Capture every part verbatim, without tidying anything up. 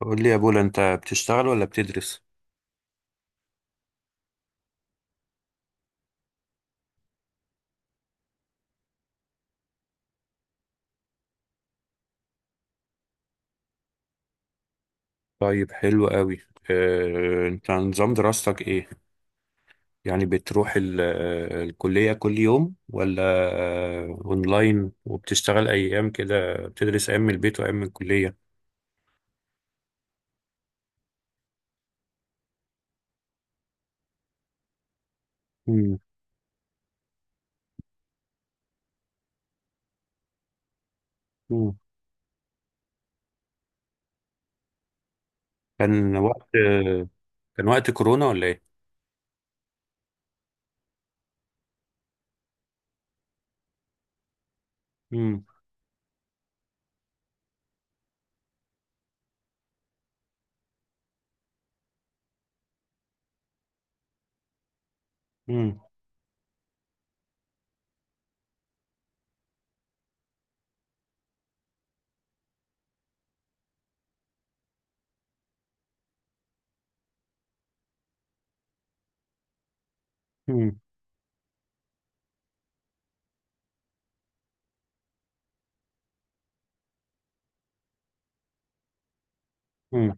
قول لي يا بولا، انت بتشتغل ولا بتدرس؟ طيب، حلو قوي. اه انت نظام دراستك ايه؟ يعني بتروح ال- آه، الكلية كل يوم ولا؟ آه، اونلاين وبتشتغل ايام كده بتدرس ايام من البيت وايام من الكلية؟ مم. مم. كان وقت آه، كان وقت كورونا ولا ايه؟ مم. مم. مم. مم.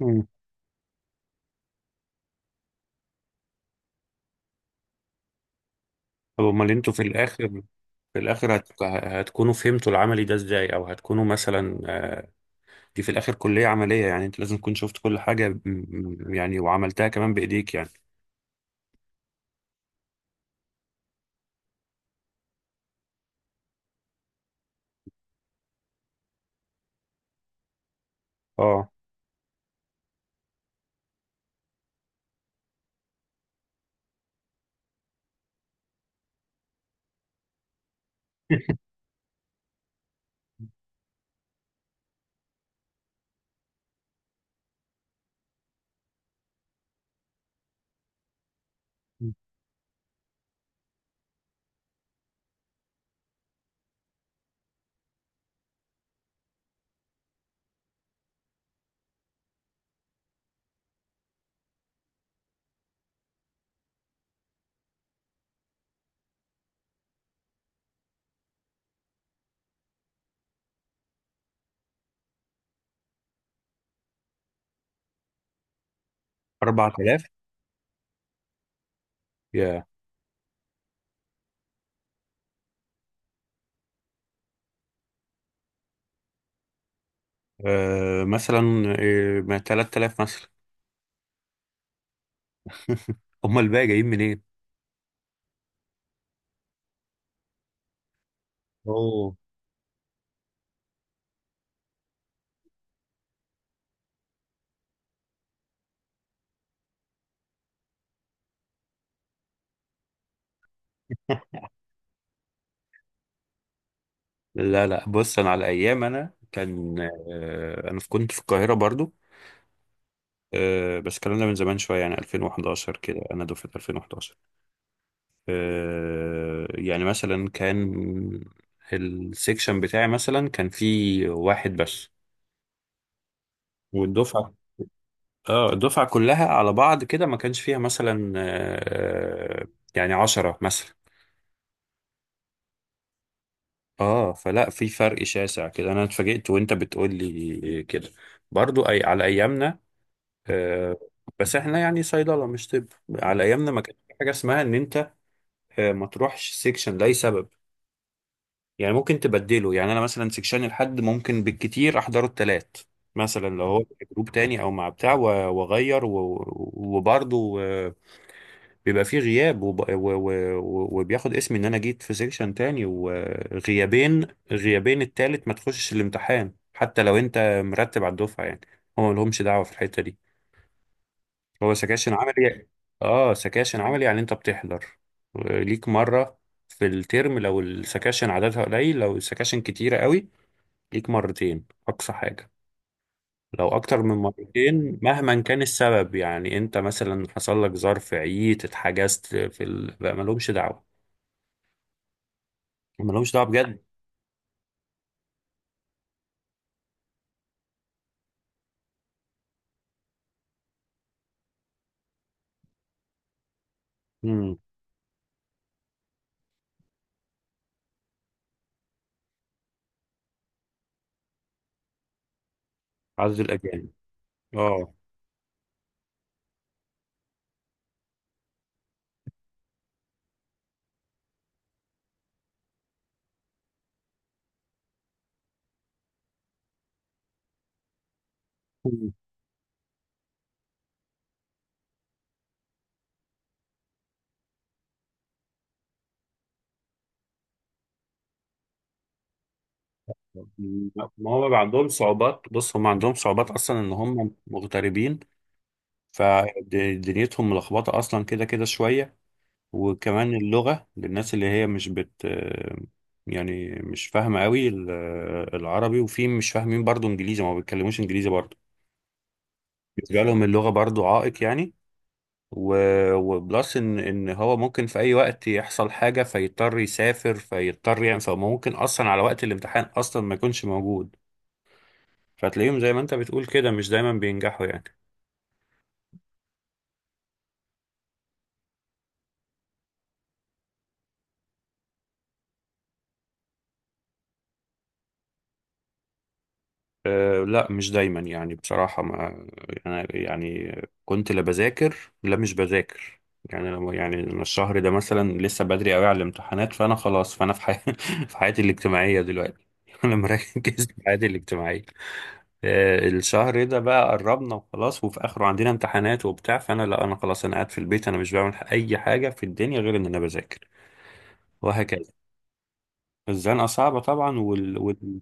مم. طب امال انتوا في الاخر؟ في الاخر هت... هتكونوا فهمتوا العملي ده ازاي، او هتكونوا مثلا آه، دي في الاخر كلية عملية، يعني انت لازم تكون شفت كل حاجة م- م- يعني، وعملتها كمان بايديك يعني. اه. أربعة آلاف؟ يا! آه مثلا. آه ما ثلاثة آلاف مثلا. هم الباقي جايين منين؟ اوه. لا، لا، بص، انا على ايام انا كان آه انا كنت في القاهرة برضو. آه بس الكلام ده من زمان شوية، يعني ألفين وحداشر كده، انا دفعة ألفين وحداشر. آه يعني مثلا كان السيكشن بتاعي مثلا كان فيه واحد بس. والدفعة، اه، الدفعة كلها على بعض كده ما كانش فيها مثلا آه، يعني عشرة مثلا. اه، فلا، في فرق شاسع كده، انا اتفاجئت وانت بتقول لي كده، برضو، اي، على ايامنا. آه، بس احنا يعني صيدلة مش طب. على ايامنا ما كانش في حاجة اسمها ان انت آه، ما تروحش سيكشن لاي سبب. يعني ممكن تبدله، يعني انا مثلا سيكشن الحد ممكن بالكتير احضره التلات، مثلا لو هو في جروب تاني او مع بتاع و- واغير و- وبرضو آه، بيبقى فيه غياب وب... و... و... و- وبياخد اسمي ان انا جيت في سيكشن تاني، وغيابين غيابين التالت ما تخشش الامتحان، حتى لو انت مرتب على الدفعه يعني. هو ما لهمش دعوه في الحته دي. هو سكاشن عملي. اه، سكاشن عملي، يعني انت بتحضر ليك مره في الترم لو السكاشن عددها قليل، لو السكاشن كتيره قوي ليك مرتين اقصى حاجه. لو اكتر من مرتين مهما كان السبب، يعني انت مثلا حصل لك ظرف، عييت، اتحجزت في ال... بقى ملهمش دعوه. ملهمش دعوه بجد. امم. عدد الاجانب. اه. مم. ما هم بقى عندهم صعوبات، بص هم عندهم صعوبات اصلا ان هم مغتربين، فدنيتهم ملخبطه اصلا كده كده شويه. وكمان اللغه للناس اللي هي مش بت يعني مش فاهمه قوي ال- العربي، وفي مش فاهمين برضو انجليزي، ما بيتكلموش انجليزي برضو. بالنسبه لهم اللغه برضو عائق يعني. و- وبلس ان ان هو ممكن في اي وقت يحصل حاجه، فيضطر يسافر فيضطر، يعني فممكن اصلا على وقت الامتحان اصلا ما يكونش موجود، فتلاقيهم زي ما انت بتقول كده مش دايما بينجحوا يعني. أه، لا، مش دايما، يعني بصراحه ما. انا يعني كنت لا بذاكر، لا مش بذاكر. يعني لما يعني أنا الشهر ده مثلا لسه بدري قوي على الامتحانات، فانا خلاص، فانا في حي... في حياتي الاجتماعيه دلوقتي. انا مركز في حياتي الاجتماعيه. آه، الشهر ده بقى قربنا وخلاص وفي اخره عندنا امتحانات وبتاع، فانا لا، انا خلاص، انا قاعد في البيت، انا مش بعمل اي حاجه في الدنيا غير ان انا بذاكر، وهكذا. الزنقه صعبه طبعا وال... وال...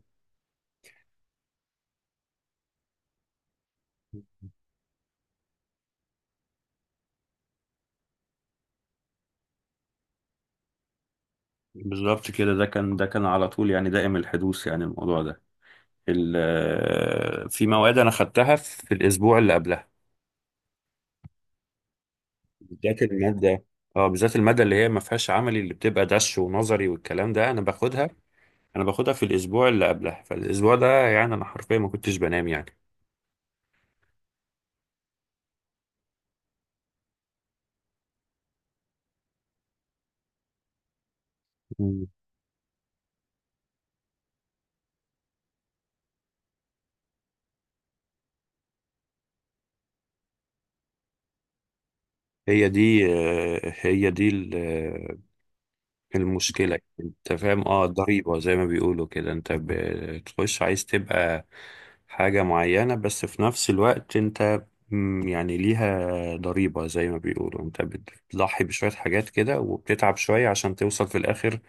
بالظبط كده، ده كان ده كان على طول، يعني دائم الحدوث يعني الموضوع ده. ال... آه، في مواد انا خدتها في الاسبوع اللي قبلها. بالذات الماده، اه بالذات الماده اللي هي ما فيهاش عملي، اللي بتبقى دش ونظري والكلام ده، انا باخدها، انا باخدها في الاسبوع اللي قبلها، فالاسبوع ده يعني انا حرفيا ما كنتش بنام يعني. هي دي آه، هي دي ال- آه، المشكلة انت فاهم، اه ضريبة زي ما بيقولوا كده، انت بتخش عايز تبقى حاجة معينة بس في نفس الوقت انت مم، يعني ليها ضريبة زي ما بيقولوا، انت بتضحي بشوية حاجات كده وبتتعب شوية عشان توصل في الآخر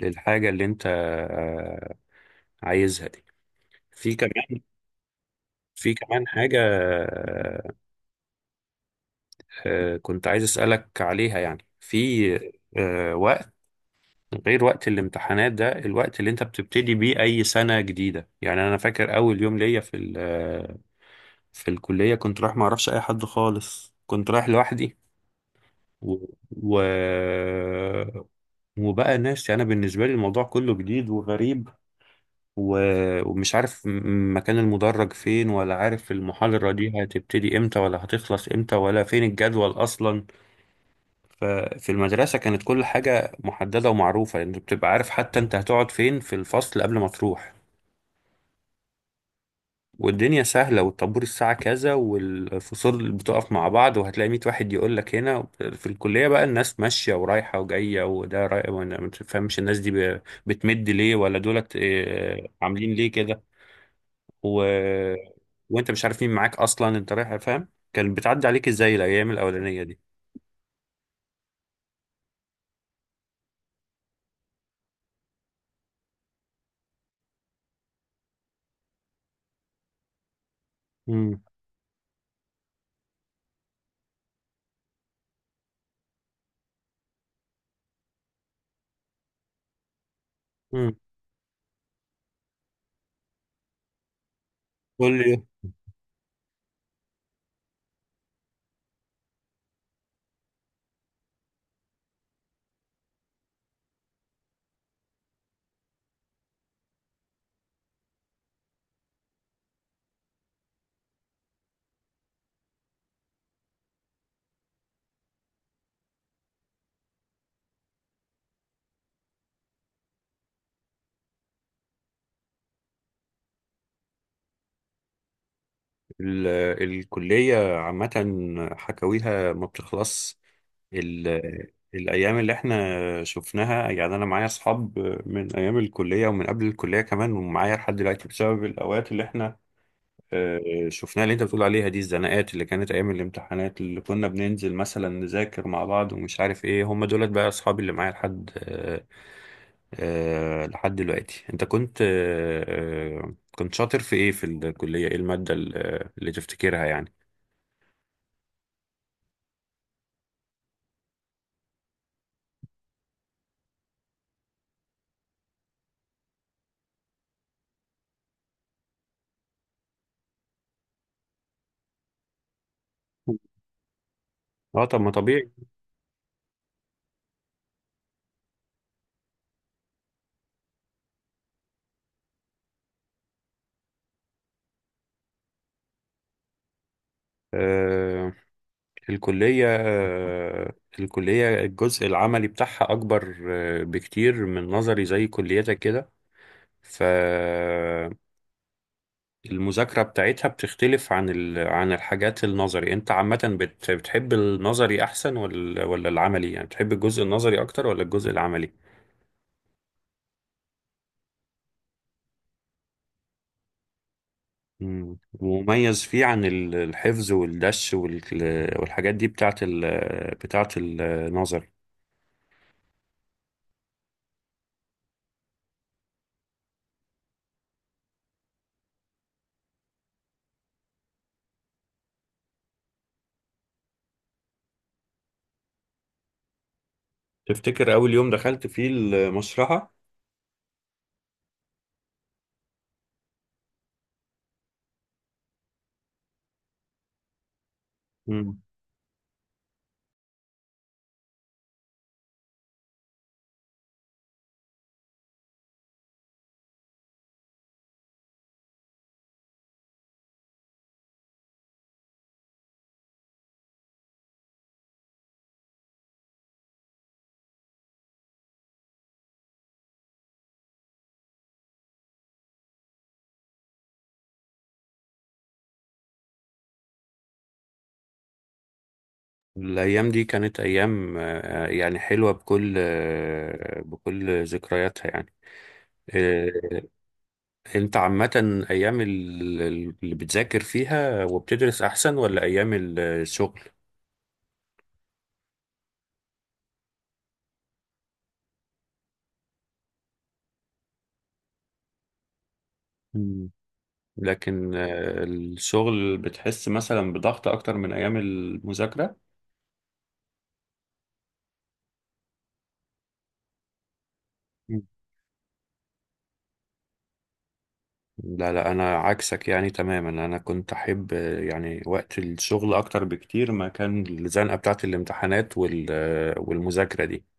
للحاجة اللي انت آه، عايزها دي. في كمان في كمان حاجة آه، آه، كنت عايز أسألك عليها، يعني في آه، وقت غير وقت الامتحانات ده، الوقت اللي انت بتبتدي بيه اي سنة جديدة. يعني انا فاكر اول يوم ليا في ال- في الكلية كنت رايح ما اعرفش اي حد خالص، كنت رايح لوحدي، و... و... وبقى ناس، يعني انا بالنسبة لي الموضوع كله جديد وغريب، و... ومش عارف م- مكان المدرج فين، ولا عارف المحاضرة دي هتبتدي امتى، ولا هتخلص امتى، ولا فين الجدول اصلا. ففي المدرسة كانت كل حاجة محددة ومعروفة، يعني بتبقى عارف حتى انت هتقعد فين في الفصل قبل ما تروح. والدنيا سهلة، والطابور الساعة كذا، والفصول بتقف مع بعض، وهتلاقي مية واحد يقول لك هنا في الكلية بقى، الناس ماشية ورايحة وجاية، وده رايح وانا ما تفهمش الناس دي ب- بتمد ليه، ولا دولت آه، عاملين ليه كده. و... وانت مش عارف مين معاك اصلا انت رايح، فاهم؟ كان بتعدي عليك ازاي الايام الاولانية دي؟ امم. ال- الكلية عامة حكاويها ما بتخلص. ال- الأيام اللي احنا شفناها، يعني أنا معايا أصحاب من أيام الكلية ومن قبل الكلية كمان، ومعايا لحد دلوقتي بسبب الأوقات اللي احنا آه، شفناها، اللي انت بتقول عليها دي، الزناقات اللي كانت ايام الامتحانات، اللي كنا بننزل مثلا نذاكر مع بعض ومش عارف ايه، هم دولت بقى اصحابي اللي معايا لحد آه، آه، لحد دلوقتي. انت كنت آه، آه، كنت شاطر في ايه في الكلية، ايه المادة اللي اللي تفتكرها يعني؟ اه، طب ما طبيعي. آه، الكلية آه، الكلية الجزء العملي بتاعها اكبر آه، بكتير من نظري، زي كليتك كده. ف المذاكرة بتاعتها بتختلف عن ال... عن الحاجات النظري. انت عامة بت... بتحب النظري احسن ولا ولا العملي؟ يعني بتحب الجزء النظري اكتر ولا الجزء العملي؟ مم. مميز فيه عن ال- الحفظ والدش وال... والحاجات دي بتاعت ال... بتاعت النظري. تفتكر اول يوم دخلت فيه المشرحة؟ مم. الايام دي كانت ايام آه، يعني حلوة بكل آه، بكل ذكرياتها يعني. آه، انت عامة ايام ال- اللي بتذاكر فيها وبتدرس احسن ولا ايام ال- الشغل؟ مم. لكن آه، الشغل بتحس مثلا بضغط اكتر من ايام المذاكرة. مم. لا لا، انا عكسك يعني تماما، انا كنت احب آه، يعني وقت الشغل اكتر بكتير ما كان الزنقة بتاعت الامتحانات وال- آه، والمذاكرة دي.